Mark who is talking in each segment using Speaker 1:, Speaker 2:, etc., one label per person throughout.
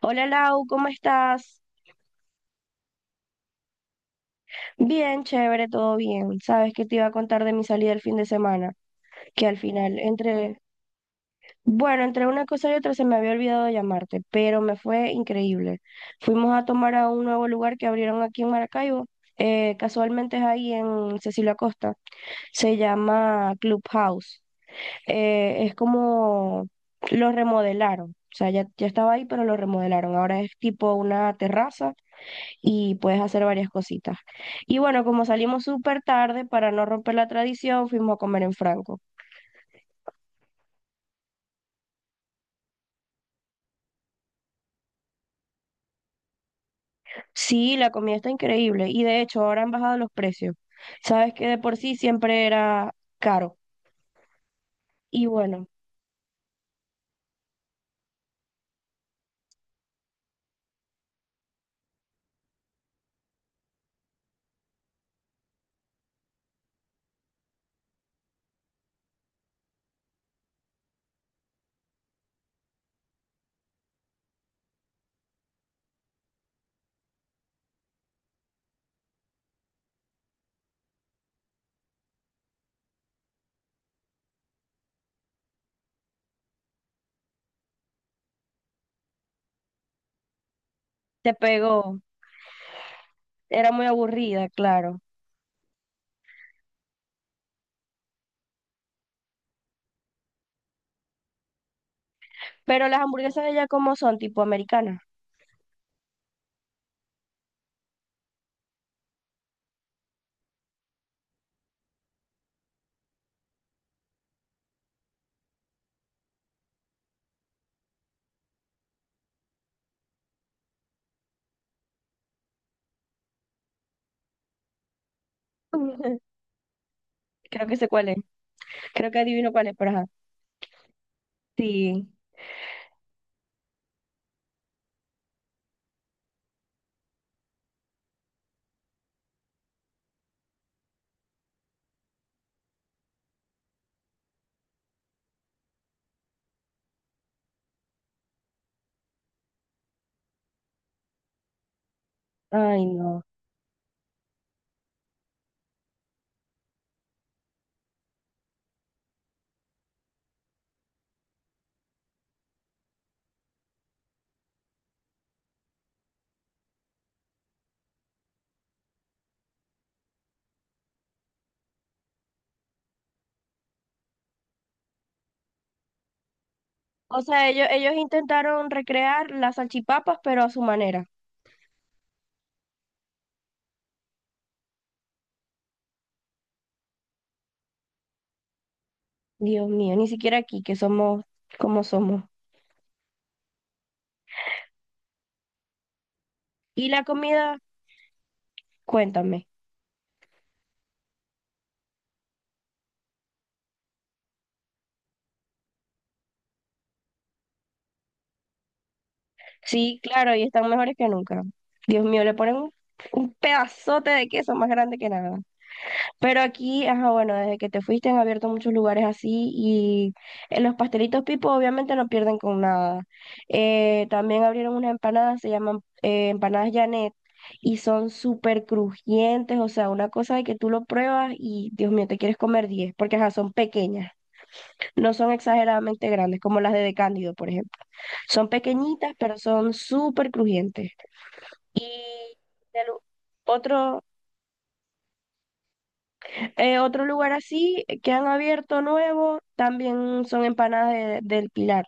Speaker 1: Hola Lau, ¿cómo estás? Bien, chévere, todo bien. Sabes que te iba a contar de mi salida el fin de semana, que al final, bueno, entre una cosa y otra se me había olvidado de llamarte, pero me fue increíble. Fuimos a tomar a un nuevo lugar que abrieron aquí en Maracaibo, casualmente es ahí en Cecilio Acosta, se llama Clubhouse. Es como lo remodelaron, o sea, ya estaba ahí, pero lo remodelaron. Ahora es tipo una terraza y puedes hacer varias cositas. Y bueno, como salimos súper tarde, para no romper la tradición, fuimos a comer en Franco. Sí, la comida está increíble y de hecho ahora han bajado los precios. Sabes que de por sí siempre era caro. Y bueno, te pegó. Era muy aburrida, claro. Pero las hamburguesas de ella como son, tipo americanas. Creo que sé cuál es. Creo que adivino cuál es, pero ajá. Sí. Ay, no. O sea, ellos intentaron recrear las salchipapas, pero a su manera. Dios mío, ni siquiera aquí, que somos como somos. ¿Y la comida? Cuéntame. Sí, claro, y están mejores que nunca. Dios mío, le ponen un pedazote de queso más grande que nada. Pero aquí, ajá, bueno, desde que te fuiste han abierto muchos lugares así y los pastelitos Pipo obviamente no pierden con nada. También abrieron unas empanadas, se llaman empanadas Janet. Y son súper crujientes, o sea, una cosa de que tú lo pruebas y Dios mío, te quieres comer 10, porque ajá, son pequeñas. No son exageradamente grandes, como las de por ejemplo. Son pequeñitas, pero son súper crujientes. Y de lu- otro, otro lugar así que han abierto nuevo también son del Pilar.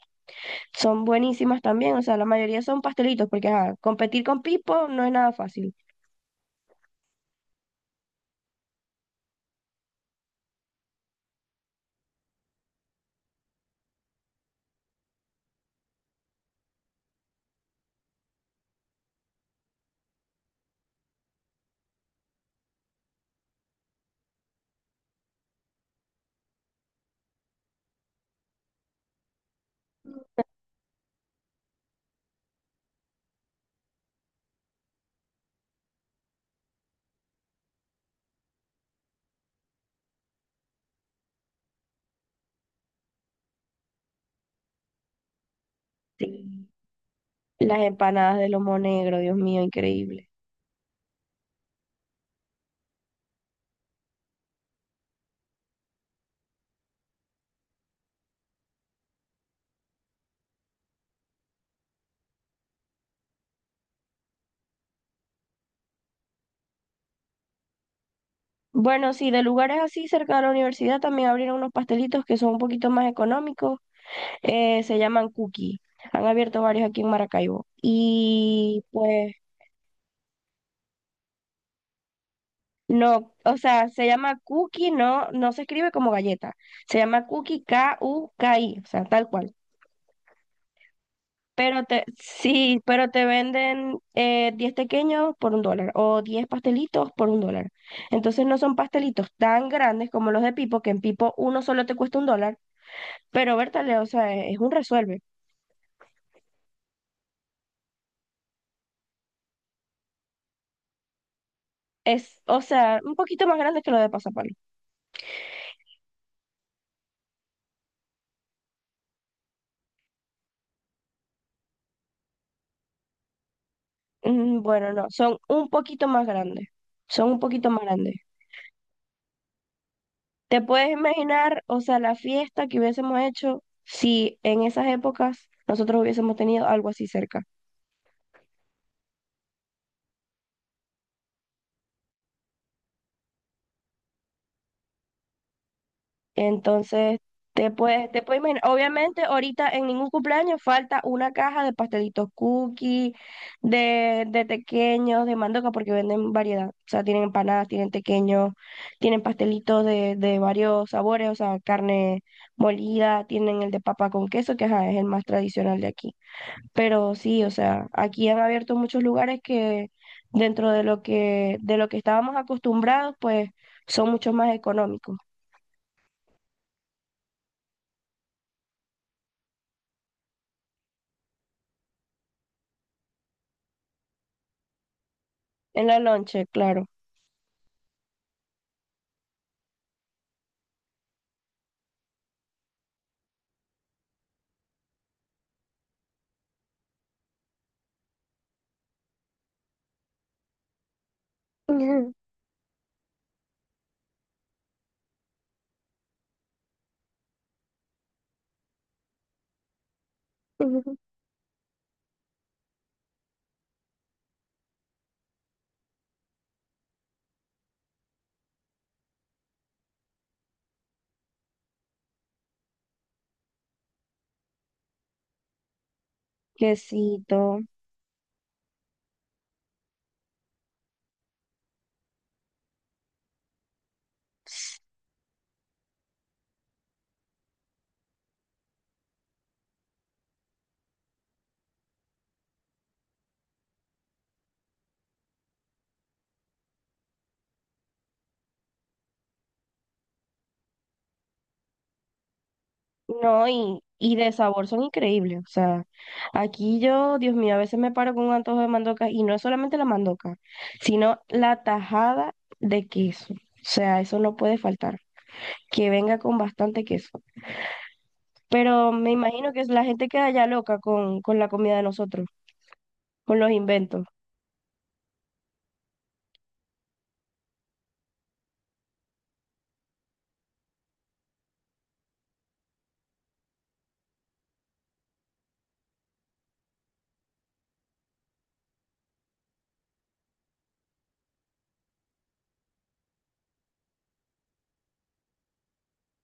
Speaker 1: Son buenísimas también, o sea, la mayoría son pastelitos, porque ajá, competir con Pipo no es nada fácil. Sí. Las empanadas de lomo negro, Dios mío, increíble. Bueno, sí, de lugares así cerca de la universidad también abrieron unos pastelitos que son un poquito más económicos, se llaman Cookie. Han abierto varios aquí en Maracaibo. Y pues no, o sea, se llama Cookie, no se escribe como galleta. Se llama Cookie K-U-K-I, o sea, tal cual. Sí, pero te venden 10 pequeños por $1 o 10 pastelitos por $1. Entonces no son pastelitos tan grandes como los de Pipo, que en Pipo uno solo te cuesta $1, pero Bertale, o sea, es un resuelve. Es, o sea, un poquito más grande que lo de Pasapalo. Mm, bueno, no, son un poquito más grandes. Son un poquito más grandes. ¿Te puedes imaginar, o sea, la fiesta que hubiésemos hecho si en esas épocas nosotros hubiésemos tenido algo así cerca? Entonces, te puedes imaginar. Obviamente, ahorita en ningún cumpleaños falta una caja de pastelitos cookie, de tequeños, de mandoca, porque venden variedad. O sea, tienen empanadas, tienen tequeños, tienen pastelitos de varios sabores, o sea, carne molida, tienen el de papa con queso, que ajá, es el más tradicional de aquí. Pero sí, o sea, aquí han abierto muchos lugares que dentro de lo que estábamos acostumbrados, pues son mucho más económicos. En la lonche, claro. Quesito. No, y de sabor son increíbles. O sea, aquí yo, Dios mío, a veces me paro con un antojo de mandoca y no es solamente la mandoca, sino la tajada de queso. O sea, eso no puede faltar, que venga con bastante queso. Pero me imagino que la gente queda ya loca con la comida de nosotros, con los inventos.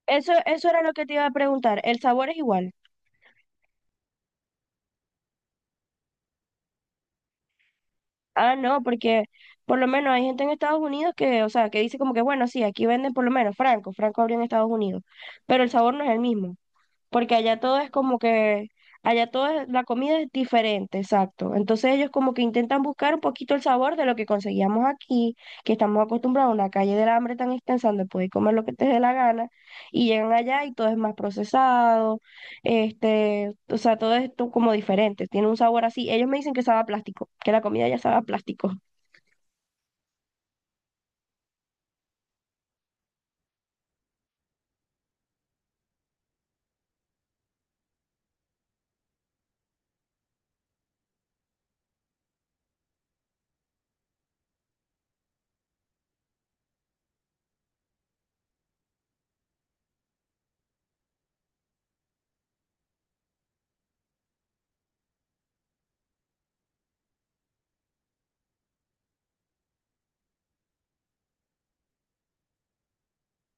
Speaker 1: Eso era lo que te iba a preguntar. ¿El sabor es igual? Ah, no, porque por lo menos hay gente en Estados Unidos que, o sea, que dice como que, bueno, sí, aquí venden por lo menos Franco, Franco abrió en Estados Unidos, pero el sabor no es el mismo porque allá todo es como que, la comida es diferente, exacto. Entonces ellos como que intentan buscar un poquito el sabor de lo que conseguíamos aquí, que estamos acostumbrados a una calle del hambre tan extensa donde puedes comer lo que te dé la gana, y llegan allá y todo es más procesado, este, o sea, todo esto como diferente, tiene un sabor así. Ellos me dicen que sabe a plástico, que la comida ya sabe a plástico.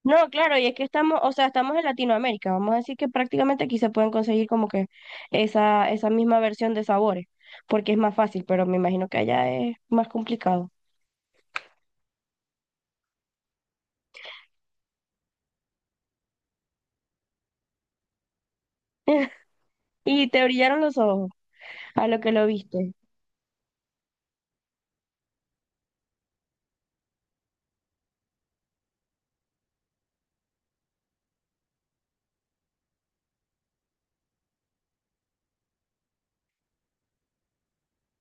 Speaker 1: No, claro, y es que estamos, o sea, estamos en Latinoamérica, vamos a decir que prácticamente aquí se pueden conseguir como que esa misma versión de sabores, porque es más fácil, pero me imagino que allá es más complicado. Y te brillaron los ojos a lo que lo viste.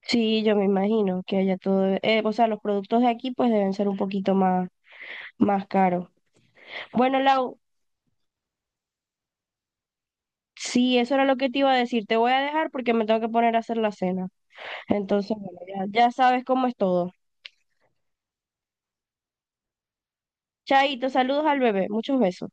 Speaker 1: Sí, yo me imagino que allá todo, o sea, los productos de aquí pues deben ser un poquito más, más caros. Bueno, Lau, sí, eso era lo que te iba a decir, te voy a dejar porque me tengo que poner a hacer la cena. Entonces, bueno, ya sabes cómo es todo. Chaito, saludos al bebé, muchos besos.